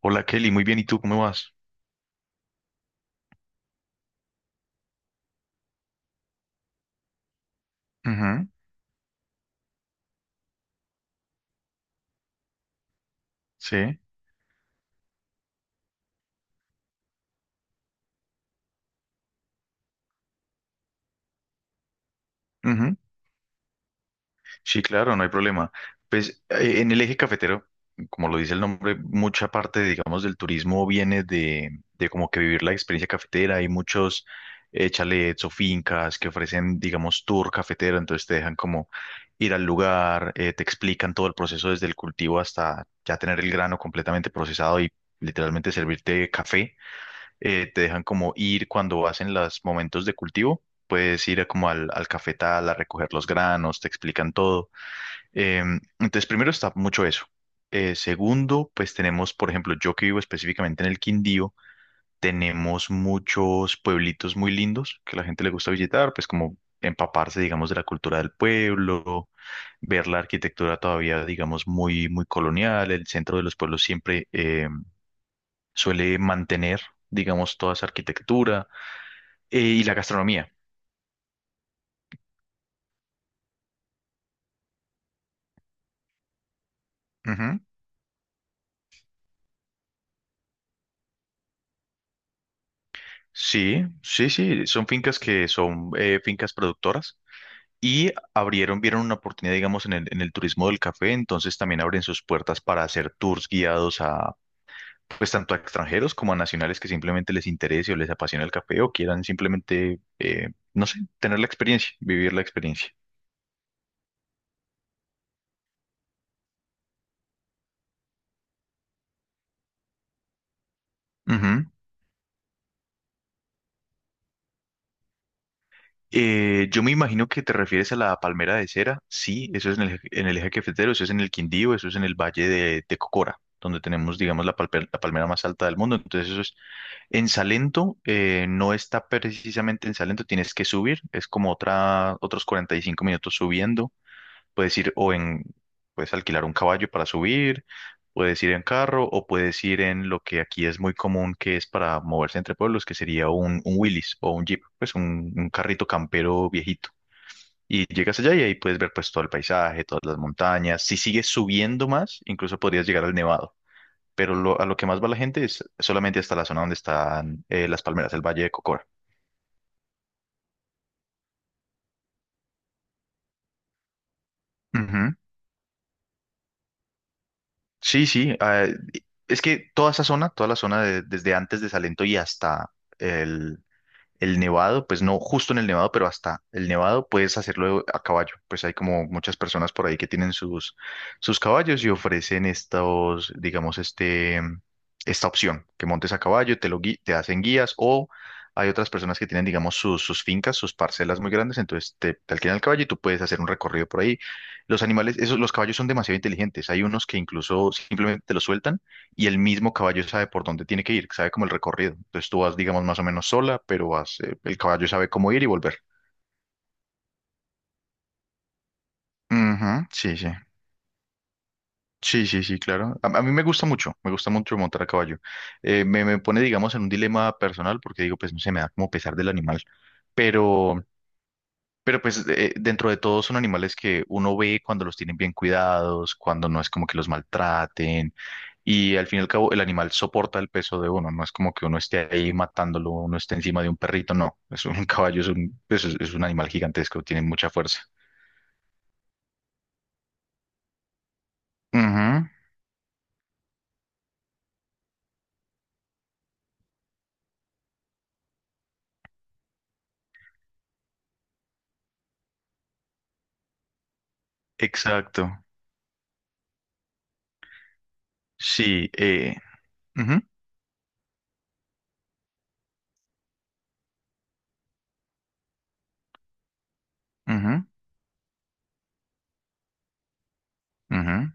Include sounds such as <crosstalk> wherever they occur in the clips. Hola Kelly, muy bien, ¿y tú cómo vas? Ujú. Sí. Ujú. Sí, claro, no hay problema. Pues en el eje cafetero, como lo dice el nombre, mucha parte, digamos, del turismo viene de como que vivir la experiencia cafetera. Hay muchos chalets o fincas que ofrecen, digamos, tour cafetero, entonces te dejan como ir al lugar, te explican todo el proceso desde el cultivo hasta ya tener el grano completamente procesado y literalmente servirte café. Eh, te dejan como ir cuando hacen los momentos de cultivo, puedes ir a como al cafetal a recoger los granos, te explican todo. Entonces, primero está mucho eso. Segundo, pues tenemos, por ejemplo, yo que vivo específicamente en el Quindío, tenemos muchos pueblitos muy lindos que a la gente le gusta visitar, pues como empaparse, digamos, de la cultura del pueblo, ver la arquitectura todavía, digamos, muy, muy colonial. El centro de los pueblos siempre suele mantener, digamos, toda esa arquitectura y la gastronomía. Ujú. Sí, sí, sí, son fincas que son fincas productoras y abrieron, vieron una oportunidad, digamos, en el turismo del café, entonces también abren sus puertas para hacer tours guiados a, pues, tanto a extranjeros como a nacionales que simplemente les interese o les apasiona el café o quieran simplemente, no sé, tener la experiencia, vivir la experiencia. Ujú. Yo me imagino que te refieres a la palmera de cera. Sí, eso es en el eje cafetero, eso es en el Quindío, eso es en el Valle de Cocora, donde tenemos, digamos, la palmera más alta del mundo. Entonces, eso es en Salento, no está precisamente en Salento, tienes que subir, es como otros 45 minutos subiendo. Puedes ir puedes alquilar un caballo para subir, puedes ir en carro o puedes ir en lo que aquí es muy común, que es para moverse entre pueblos, que sería un Willys o un Jeep, pues un carrito campero viejito. Y llegas allá y ahí puedes ver pues todo el paisaje, todas las montañas. Si sigues subiendo más, incluso podrías llegar al Nevado. Pero a lo que más va la gente es solamente hasta la zona donde están las palmeras, el Valle de Cocora. Ujú. Sí, sí. Es que toda esa zona, toda la zona desde antes de Salento y hasta el, el nevado, pues no justo en el nevado, pero hasta el nevado puedes hacerlo a caballo. Pues hay como muchas personas por ahí que tienen sus caballos y ofrecen estos, digamos, esta opción, que montes a caballo, te hacen guías o hay otras personas que tienen, digamos, sus fincas, sus parcelas muy grandes, entonces te alquilan el caballo y tú puedes hacer un recorrido por ahí. Los animales, esos, los caballos son demasiado inteligentes. Hay unos que incluso simplemente te los sueltan y el mismo caballo sabe por dónde tiene que ir, sabe como el recorrido. Entonces tú vas, digamos, más o menos sola, pero vas, el caballo sabe cómo ir y volver. Ujú, sí, sí. Sí, sí, sí, claro. A mí me gusta mucho montar a caballo. Me, pone, digamos, en un dilema personal porque digo, pues no sé, me da como pesar del animal. Pero, pero pues dentro de todo son animales que uno ve cuando los tienen bien cuidados, cuando no es como que los maltraten y al fin y al cabo el animal soporta el peso de uno, no es como que uno esté ahí matándolo, uno esté encima de un perrito, no, es un <laughs> caballo, es un animal gigantesco, tiene mucha fuerza. Ujú. Exacto. Sí. Ujú, ujú, ujú,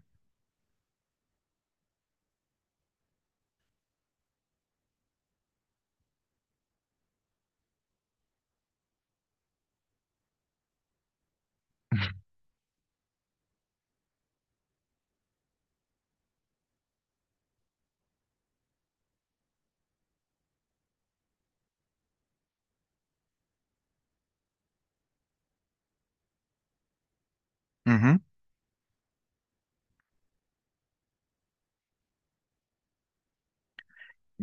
ujú.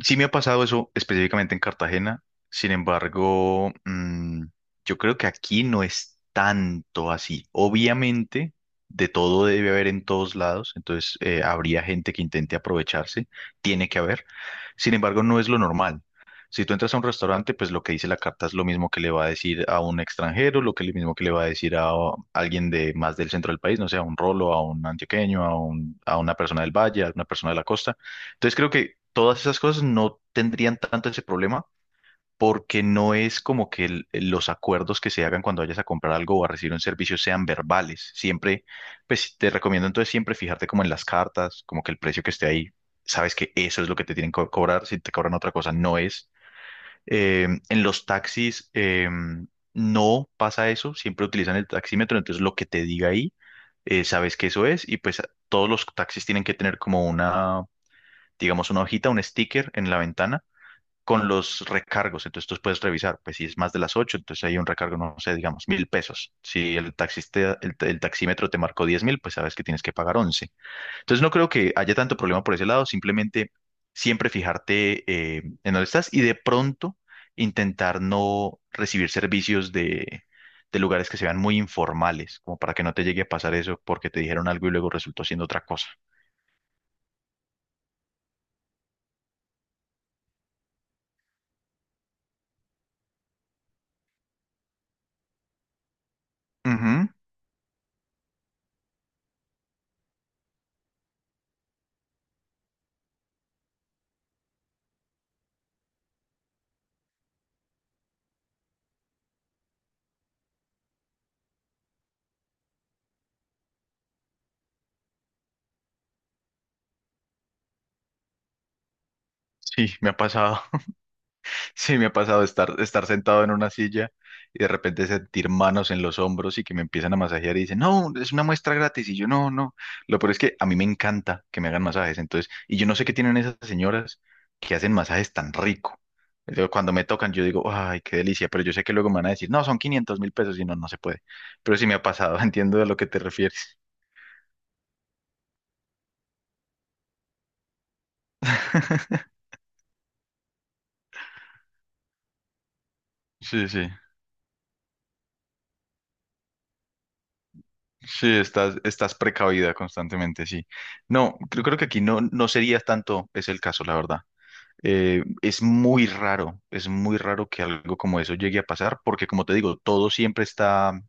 Sí, me ha pasado eso específicamente en Cartagena, sin embargo, yo creo que aquí no es tanto así. Obviamente, de todo debe haber en todos lados, entonces habría gente que intente aprovecharse, tiene que haber. Sin embargo, no es lo normal. Si tú entras a un restaurante, pues lo que dice la carta es lo mismo que le va a decir a un extranjero, lo que lo mismo que le va a decir a alguien de más del centro del país, no sé, a un rolo, a un antioqueño, a una persona del valle, a una persona de la costa. Entonces creo que todas esas cosas no tendrían tanto ese problema porque no es como que los acuerdos que se hagan cuando vayas a comprar algo o a recibir un servicio sean verbales. Siempre, pues te recomiendo entonces siempre fijarte como en las cartas, como que el precio que esté ahí, sabes que eso es lo que te tienen que cobrar, si te cobran otra cosa no es. En los taxis no pasa eso, siempre utilizan el taxímetro, entonces lo que te diga ahí, sabes que eso es y pues todos los taxis tienen que tener como una digamos, una hojita, un sticker en la ventana con los recargos. Entonces tú puedes revisar, pues si es más de las 8 entonces hay un recargo, no sé, digamos, 1.000 pesos. Si el taxista, el taxímetro te marcó 10.000, pues sabes que tienes que pagar 11. Entonces no creo que haya tanto problema por ese lado, simplemente siempre fijarte en dónde estás y de pronto intentar no recibir servicios de lugares que se vean muy informales, como para que no te llegue a pasar eso porque te dijeron algo y luego resultó siendo otra cosa. Ujú. Sí, me ha pasado. Sí, me ha pasado estar sentado en una silla y de repente sentir manos en los hombros y que me empiezan a masajear y dicen, no, es una muestra gratis. Y yo, no, no. Lo peor es que a mí me encanta que me hagan masajes. Entonces, y yo no sé qué tienen esas señoras que hacen masajes tan rico. Cuando me tocan, yo digo, ay, qué delicia. Pero yo sé que luego me van a decir, no, son 500.000 pesos y no, no se puede. Pero sí me ha pasado, <laughs> entiendo de lo que te refieres. <laughs> Sí, sí. Sí, estás, estás precavida constantemente, sí. No, creo que aquí no, sería tanto es el caso, la verdad. Es muy raro, es muy raro que algo como eso llegue a pasar, porque como te digo, todo siempre está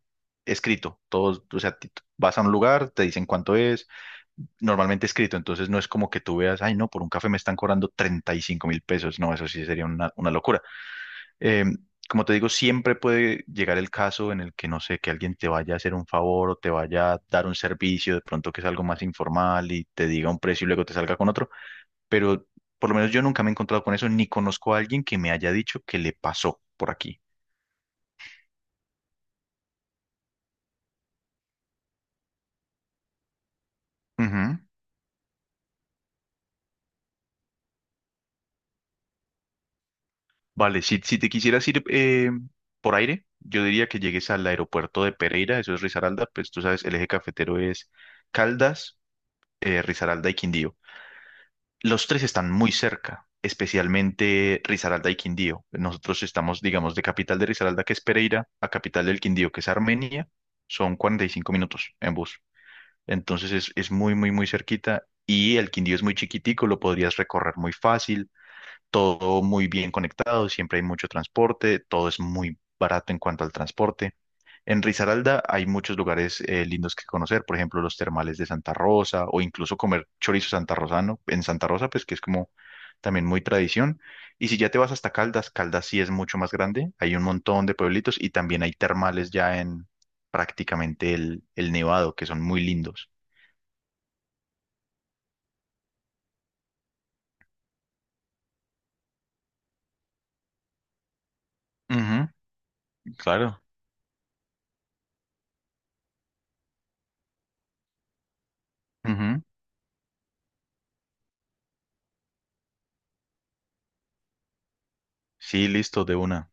escrito. Todo, o sea, vas a un lugar, te dicen cuánto es, normalmente escrito, entonces no es como que tú veas, ay, no, por un café me están cobrando 35.000 pesos. No, eso sí sería una locura. Eh, Como te digo, siempre puede llegar el caso en el que, no sé, que alguien te vaya a hacer un favor o te vaya a dar un servicio, de pronto que es algo más informal y te diga un precio y luego te salga con otro, pero por lo menos yo nunca me he encontrado con eso, ni conozco a alguien que me haya dicho que le pasó por aquí. Ujú. Vale, si te quisieras ir por aire, yo diría que llegues al aeropuerto de Pereira, eso es Risaralda, pues tú sabes, el eje cafetero es Caldas, Risaralda y Quindío. Los tres están muy cerca, especialmente Risaralda y Quindío. Nosotros estamos, digamos, de capital de Risaralda, que es Pereira, a capital del Quindío, que es Armenia, son 45 minutos en bus. Entonces es, muy, muy, muy cerquita y el Quindío es muy chiquitico, lo podrías recorrer muy fácil, todo muy bien conectado, siempre hay mucho transporte, todo es muy barato en cuanto al transporte. En Risaralda hay muchos lugares lindos que conocer, por ejemplo, los termales de Santa Rosa o incluso comer chorizo santarrosano en Santa Rosa, pues que es como también muy tradición. Y si ya te vas hasta Caldas, Caldas sí es mucho más grande, hay un montón de pueblitos y también hay termales ya en prácticamente el Nevado, que son muy lindos. Ujú, claro. Ujú. Sí, listo, de una.